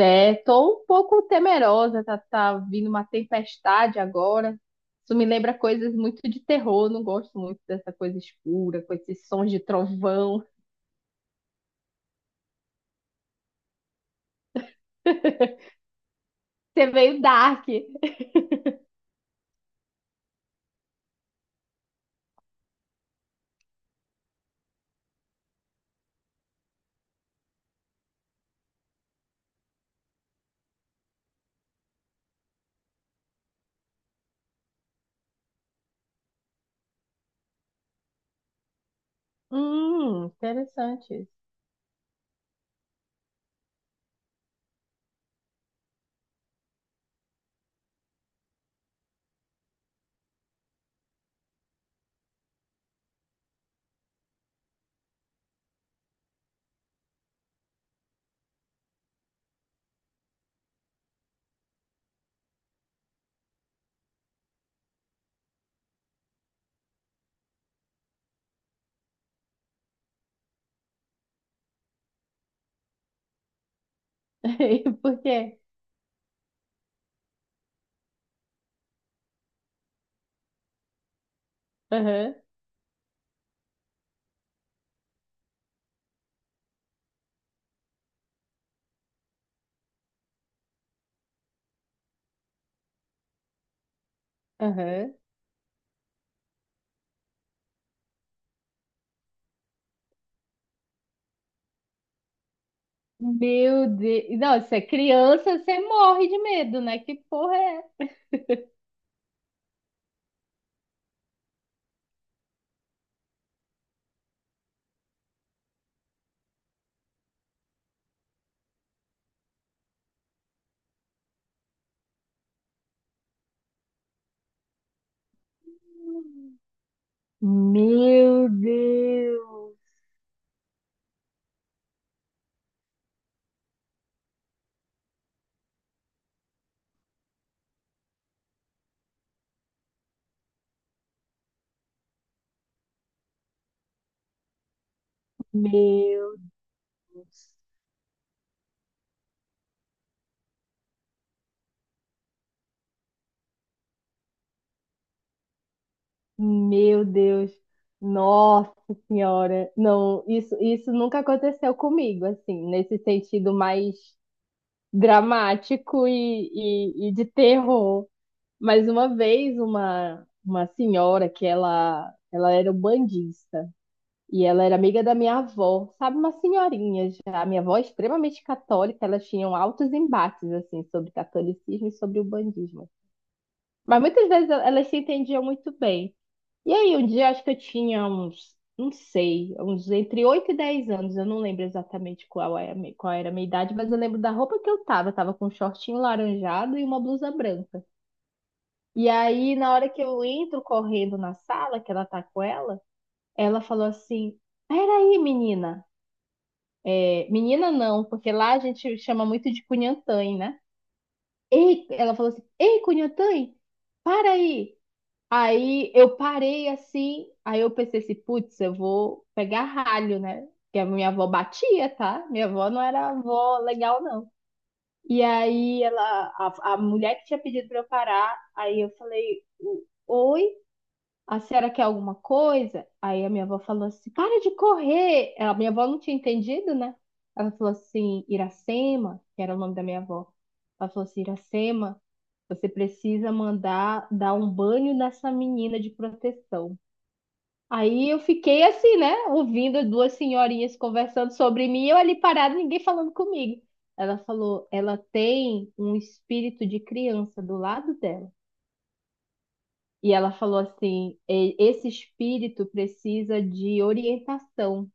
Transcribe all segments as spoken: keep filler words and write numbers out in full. É, tô um pouco temerosa, tá, tá vindo uma tempestade agora. Isso me lembra coisas muito de terror, não gosto muito dessa coisa escura, com esses sons de trovão. Você veio dark. Hum, interessante. Por quê? Aham, aham. Meu Deus. Não, se é criança, você morre de medo, né? Que porra é? essa? Meu Deus. Meu. Deus. Meu Deus, nossa senhora, não, isso, isso nunca aconteceu comigo, assim, nesse sentido mais dramático e, e, e de terror. Mas uma vez, uma, uma senhora que ela, ela era bandista e ela era amiga da minha avó, sabe, uma senhorinha já. A minha avó é extremamente católica, elas tinham altos embates, assim, sobre catolicismo e sobre o bandismo. Mas muitas vezes elas se entendiam muito bem. E aí, um dia acho que eu tinha uns, não sei, uns entre oito e dez anos, eu não lembro exatamente qual era, a mi- qual era a minha idade, mas eu lembro da roupa que eu tava, eu tava com um shortinho laranjado e uma blusa branca. E aí, na hora que eu entro correndo na sala, que ela tá com ela, ela falou assim: peraí, menina. É, menina não, porque lá a gente chama muito de cunhantã, né? Ei, ela falou assim: ei, cunhantã, para aí. Aí eu parei assim, aí eu pensei assim, putz, eu vou pegar ralho, né? Porque a minha avó batia, tá? Minha avó não era avó legal, não. E aí ela, a, a mulher que tinha pedido pra eu parar, aí eu falei, oi? A senhora quer alguma coisa? Aí a minha avó falou assim: para de correr. A minha avó não tinha entendido, né? Ela falou assim: Iracema, que era o nome da minha avó. Ela falou assim: Iracema, você precisa mandar dar um banho nessa menina de proteção. Aí eu fiquei assim, né? Ouvindo as duas senhorinhas conversando sobre mim, eu ali parada, ninguém falando comigo. Ela falou: ela tem um espírito de criança do lado dela. E ela falou assim: "E- Esse espírito precisa de orientação,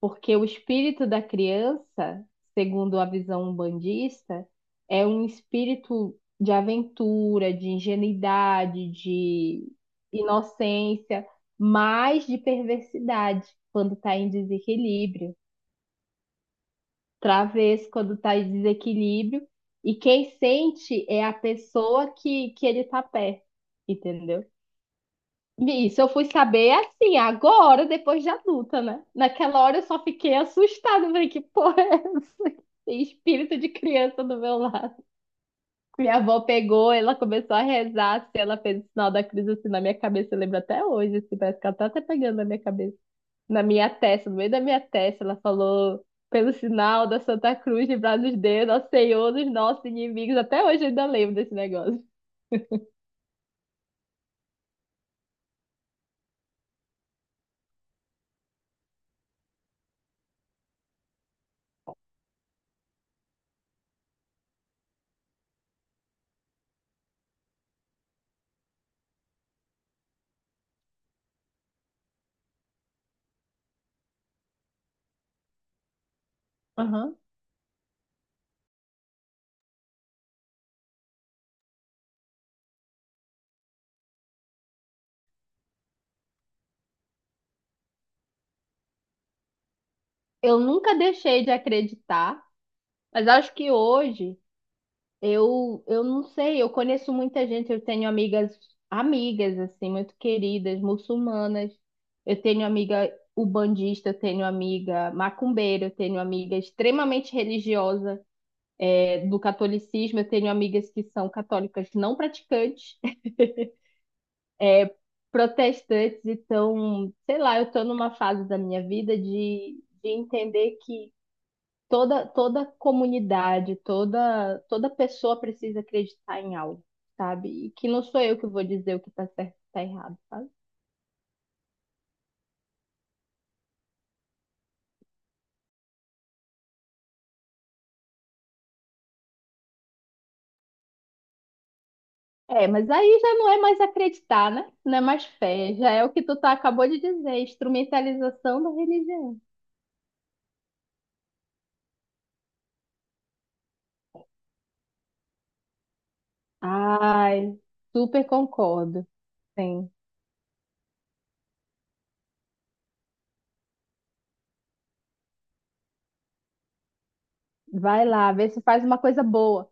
porque o espírito da criança, segundo a visão umbandista, é um espírito de aventura, de ingenuidade, de inocência, mas de perversidade quando está em desequilíbrio, travesso quando está em desequilíbrio, e quem sente é a pessoa que, que ele está perto, entendeu? Isso, eu fui saber assim, agora, depois de adulta, né? Naquela hora eu só fiquei assustada, falei, que porra é essa? Tem espírito de criança do meu lado. Minha avó pegou, ela começou a rezar, assim, ela fez o sinal da cruz assim na minha cabeça, eu lembro até hoje, assim, parece que ela tá até pegando na minha cabeça, na minha testa, no meio da minha testa, ela falou, pelo sinal da Santa Cruz, livrar nos deus, nosso Senhor, dos nossos inimigos, até hoje eu ainda lembro desse negócio. Aham. Eu nunca deixei de acreditar, mas acho que hoje Eu, eu não sei, eu conheço muita gente, eu tenho amigas, amigas assim, muito queridas, muçulmanas. Eu tenho amiga ubandista, eu tenho amiga macumbeira, eu tenho amiga extremamente religiosa, é, do catolicismo, eu tenho amigas que são católicas não praticantes, é, protestantes, então, sei lá, eu estou numa fase da minha vida de, de entender que toda toda comunidade, toda toda pessoa precisa acreditar em algo, sabe? E que não sou eu que vou dizer o que tá certo e o que tá errado, sabe? É, mas aí já não é mais acreditar, né? Não é mais fé, já é o que tu tá, acabou de dizer, instrumentalização da religião. Ai, super concordo. Sim. Vai lá, vê se faz uma coisa boa.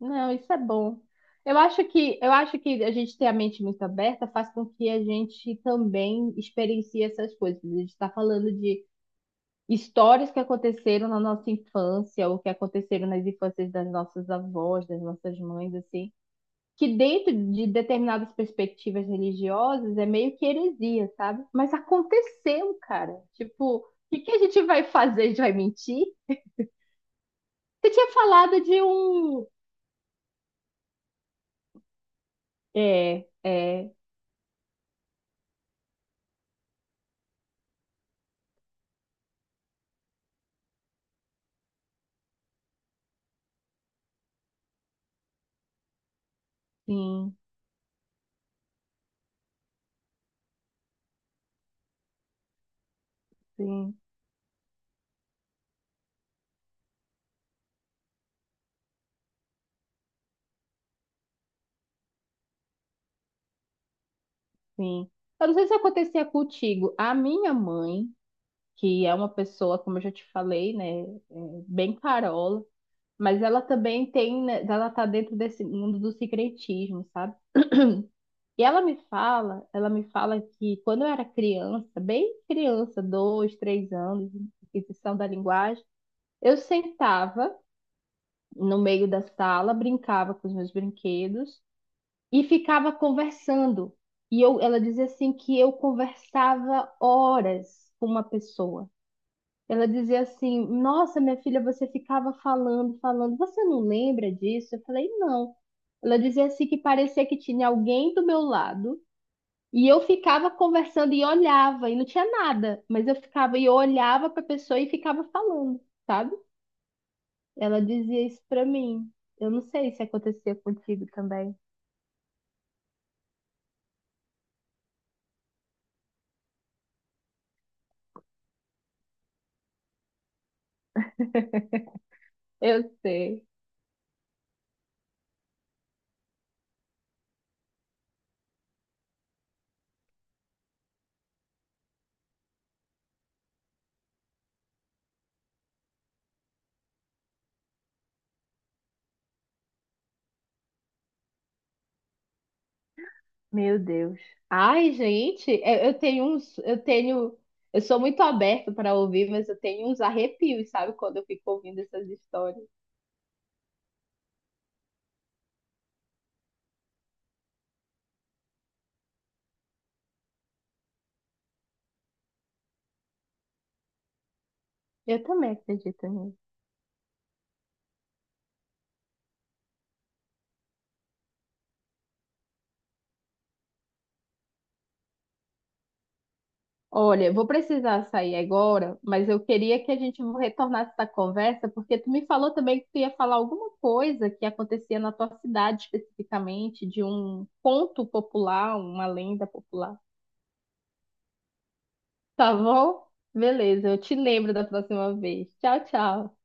Não, isso é bom. Eu acho que eu acho que a gente ter a mente muito aberta faz com que a gente também experiencie essas coisas. A gente está falando de histórias que aconteceram na nossa infância ou que aconteceram nas infâncias das nossas avós, das nossas mães, assim, que dentro de determinadas perspectivas religiosas é meio que heresia, sabe? Mas aconteceu, cara. Tipo, o que que a gente vai fazer? A gente vai mentir? Você tinha falado de um, é, é, sim, sim. Sim. Eu não sei se acontecia contigo. A minha mãe, que é uma pessoa, como eu já te falei, né, é, bem carola, mas ela também tem, né, ela tá dentro desse mundo do secretismo, sabe? E ela me fala, ela me fala que quando eu era criança, bem criança, dois, três anos, aquisição da linguagem, eu sentava no meio da sala, brincava com os meus brinquedos, e ficava conversando. E eu, ela dizia assim que eu conversava horas com uma pessoa. Ela dizia assim: nossa, minha filha, você ficava falando, falando. Você não lembra disso? Eu falei: não. Ela dizia assim que parecia que tinha alguém do meu lado e eu ficava conversando e olhava e não tinha nada, mas eu ficava e eu olhava para a pessoa e ficava falando, sabe? Ela dizia isso para mim. Eu não sei se acontecia contigo também. Eu sei. Meu Deus. Ai, gente, eu, eu tenho uns, eu tenho, eu sou muito aberto para ouvir, mas eu tenho uns arrepios, sabe, quando eu fico ouvindo essas histórias. Eu também acredito nisso. Olha, eu vou precisar sair agora, mas eu queria que a gente retornasse essa conversa, porque tu me falou também que tu ia falar alguma coisa que acontecia na tua cidade especificamente, de um conto popular, uma lenda popular. Tá bom? Beleza, eu te lembro da próxima vez. Tchau, tchau.